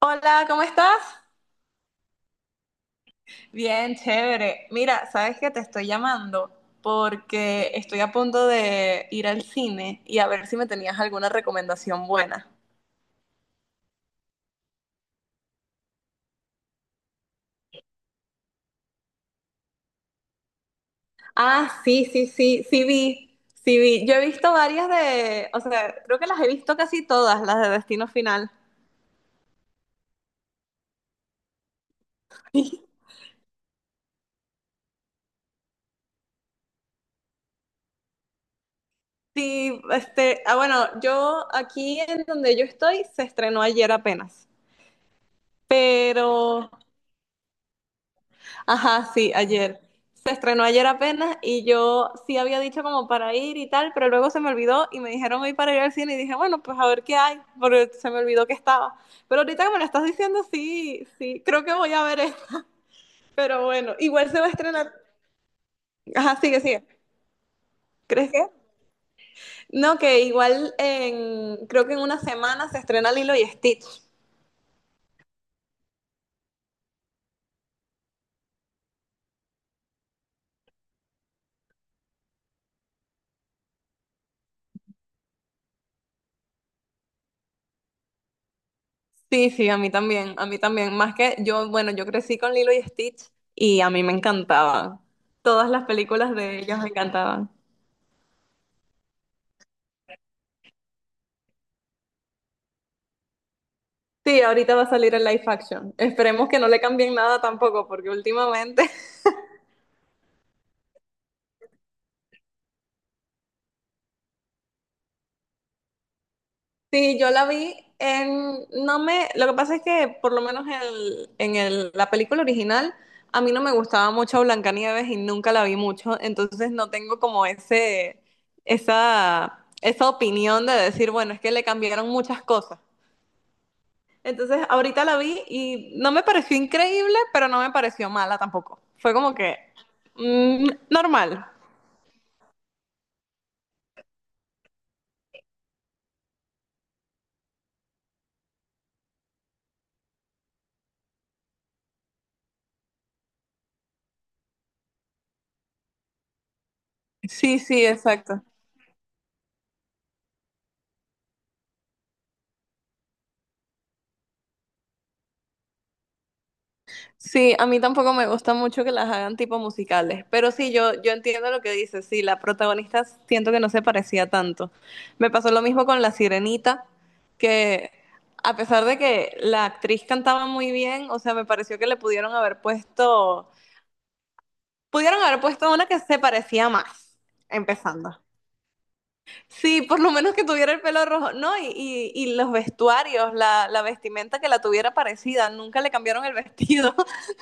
Hola, ¿cómo estás? Bien, chévere. Mira, sabes que te estoy llamando porque estoy a punto de ir al cine y a ver si me tenías alguna recomendación buena. Ah, sí, sí, sí, sí vi, sí vi. Yo he visto varias de, o sea, creo que las he visto casi todas, las de Destino Final. Sí, este, ah, bueno, yo aquí en donde yo estoy se estrenó ayer apenas, pero. Ajá, sí, ayer. Se estrenó ayer apenas y yo sí había dicho como para ir y tal, pero luego se me olvidó y me dijeron hoy para ir al cine y dije, bueno, pues a ver qué hay, porque se me olvidó que estaba. Pero ahorita que me lo estás diciendo, sí, sí, creo que voy a ver eso. Pero bueno, igual se va a estrenar. Ajá, sigue, sigue. ¿Crees que? No, que igual creo que en una semana se estrena Lilo y Stitch. Sí, sí, a mí también, a mí también. Más que yo, bueno, yo crecí con Lilo y Stitch y a mí me encantaban. Todas las películas de ellas me encantaban. Sí, ahorita va a salir el live action. Esperemos que no le cambien nada tampoco, porque últimamente. Sí, yo la vi en... No me... Lo que pasa es que por lo menos la película original a mí no me gustaba mucho Blancanieves y nunca la vi mucho, entonces no tengo como esa opinión de decir, bueno, es que le cambiaron muchas cosas. Entonces, ahorita la vi y no me pareció increíble, pero no me pareció mala tampoco. Fue como que normal. Sí, sí, exacto. Sí, a mí tampoco me gusta mucho que las hagan tipo musicales, pero sí, yo entiendo lo que dices. Sí, la protagonista siento que no se parecía tanto. Me pasó lo mismo con La Sirenita, que a pesar de que la actriz cantaba muy bien, o sea, me pareció que le pudieron haber puesto una que se parecía más, empezando. Sí, por lo menos que tuviera el pelo rojo, ¿no? Y los vestuarios, la vestimenta que la tuviera parecida, nunca le cambiaron el vestido.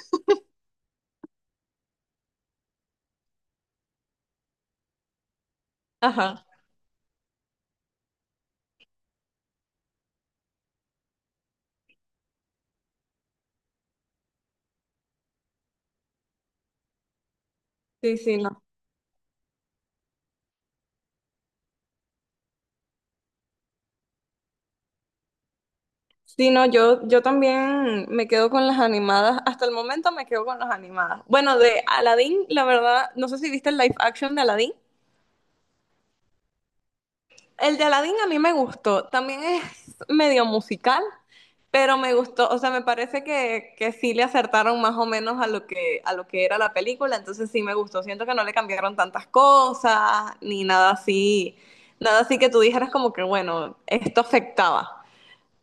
Ajá. Sí, sí, no. Sí, no, yo también me quedo con las animadas. Hasta el momento me quedo con las animadas. Bueno, de Aladdin, la verdad, no sé si viste el live action de Aladdin. El de Aladdin a mí me gustó. También es medio musical, pero me gustó. O sea, me parece que sí le acertaron más o menos a lo que era la película. Entonces sí me gustó. Siento que no le cambiaron tantas cosas, ni nada así. Nada así que tú dijeras como que, bueno, esto afectaba.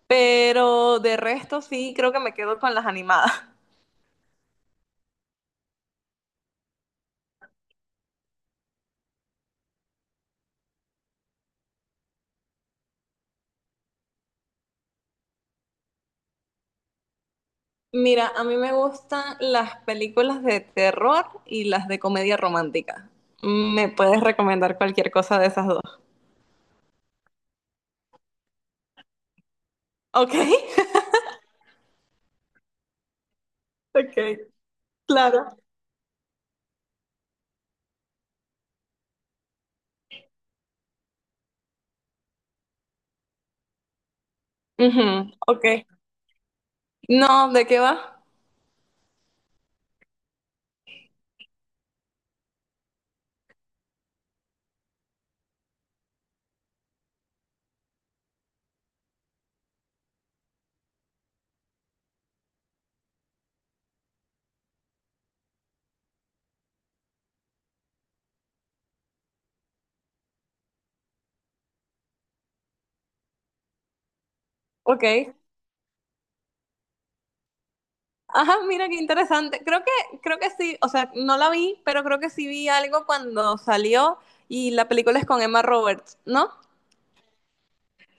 Pero de resto sí creo que me quedo con las animadas. Mira, a mí me gustan las películas de terror y las de comedia romántica. ¿Me puedes recomendar cualquier cosa de esas dos? Ok, ok, claro. Ujú, ok. No, ¿de qué va? Ok. Ajá, mira qué interesante. Creo que sí, o sea, no la vi, pero creo que sí vi algo cuando salió y la película es con Emma Roberts, ¿no?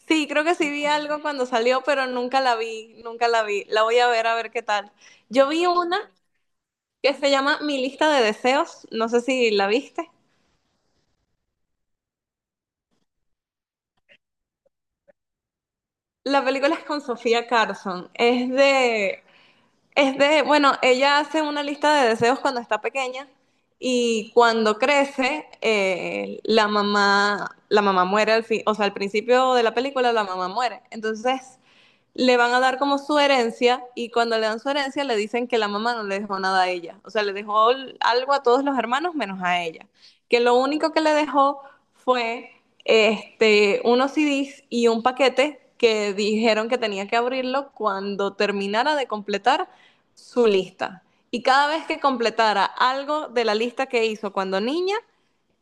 Sí, creo que sí vi algo cuando salió, pero nunca la vi, nunca la vi. La voy a ver qué tal. Yo vi una que se llama Mi lista de deseos, no sé si la viste. La película es con Sofía Carson, es de, bueno, ella hace una lista de deseos cuando está pequeña y cuando crece, la mamá muere al fin, o sea, al principio de la película la mamá muere. Entonces, le van a dar como su herencia y cuando le dan su herencia le dicen que la mamá no le dejó nada a ella, o sea, le dejó algo a todos los hermanos menos a ella, que lo único que le dejó fue unos CDs y un paquete que dijeron que tenía que abrirlo cuando terminara de completar su lista. Y cada vez que completara algo de la lista que hizo cuando niña,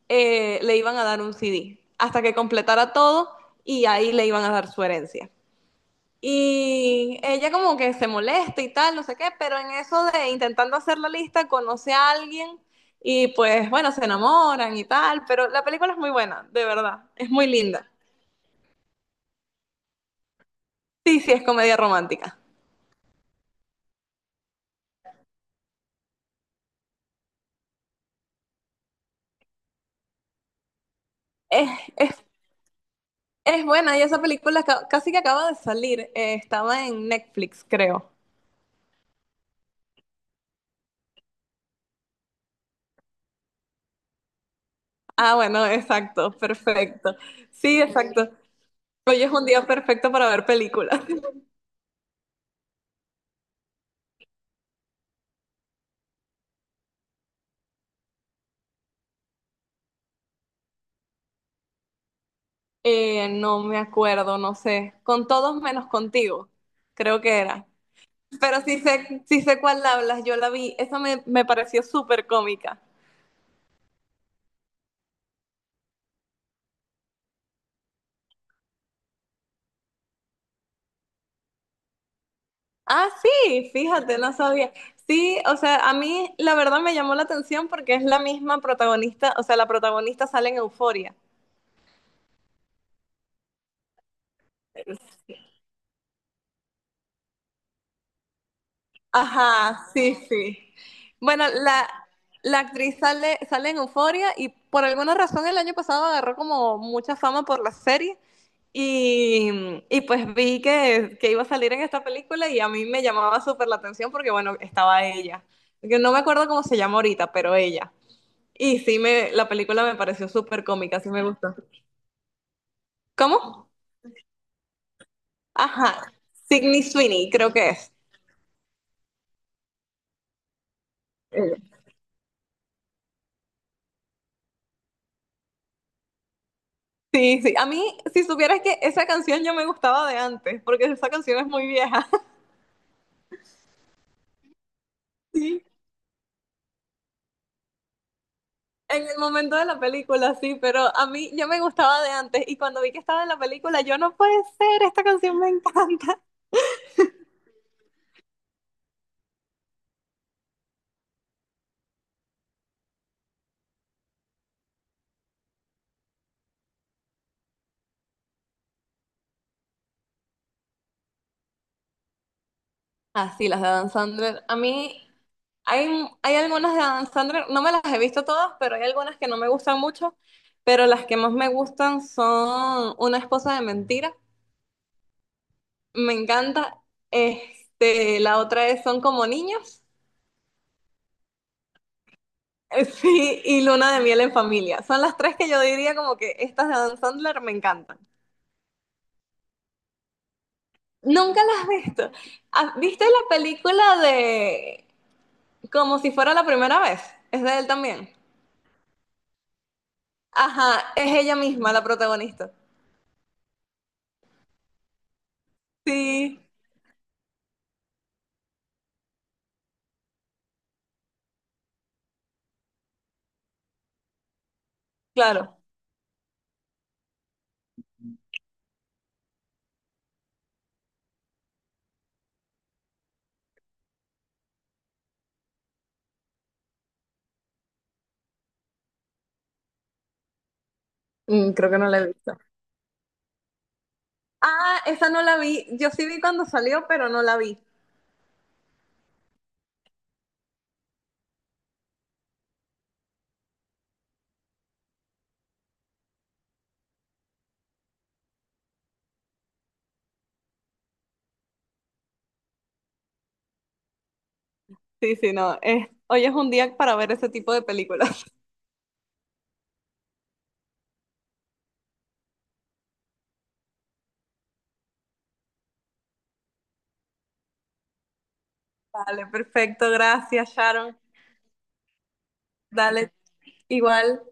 le iban a dar un CD, hasta que completara todo y ahí le iban a dar su herencia. Y ella como que se molesta y tal, no sé qué, pero en eso de intentando hacer la lista, conoce a alguien y pues bueno, se enamoran y tal, pero la película es muy buena, de verdad, es muy linda. Sí, sí, es comedia romántica. Es, es, es buena y esa película casi que acaba de salir, estaba en Netflix, creo. Ah, bueno, exacto, perfecto. Sí, exacto. Hoy es un día perfecto para ver películas. No me acuerdo, no sé. Con todos menos contigo, creo que era. Pero sí sé cuál hablas, yo la vi. Esa me pareció súper cómica. Ah, sí, fíjate, no sabía. Sí, o sea, a mí la verdad me llamó la atención porque es la misma protagonista, o sea, la protagonista sale en Euforia. Ajá, sí, sí. Bueno, la actriz sale, sale en Euforia y por alguna razón el año pasado agarró como mucha fama por la serie y pues vi que iba a salir en esta película y a mí me llamaba súper la atención porque bueno, estaba ella. Yo no me acuerdo cómo se llama ahorita, pero ella. Y sí, la película me pareció súper cómica, sí me gustó. ¿Cómo? Ajá, Sydney Sweeney creo que es. Sí, sí. A mí, si supieras que esa canción ya me gustaba de antes, porque esa canción es muy vieja. Sí. En el momento de la película, sí, pero a mí ya me gustaba de antes y cuando vi que estaba en la película, yo no puede ser, esta canción me encanta. Ah, sí, las de Adam Sandler. A mí hay, hay algunas de Adam Sandler, no me las he visto todas, pero hay algunas que no me gustan mucho, pero las que más me gustan son Una esposa de mentira, me encanta. La otra es Son como niños. Sí, y Luna de Miel en Familia. Son las tres que yo diría como que estas de Adam Sandler me encantan. Nunca las has visto. Ah, ¿Viste la película de Como si fuera la primera vez? Es de él también. Ajá, es ella misma la protagonista. Sí, claro. Creo que no la he visto. Ah, esa no la vi. Yo sí vi cuando salió, pero no la vi. Sí, sí, no. Hoy es un día para ver ese tipo de películas. Vale, perfecto. Gracias, Sharon. Dale, igual.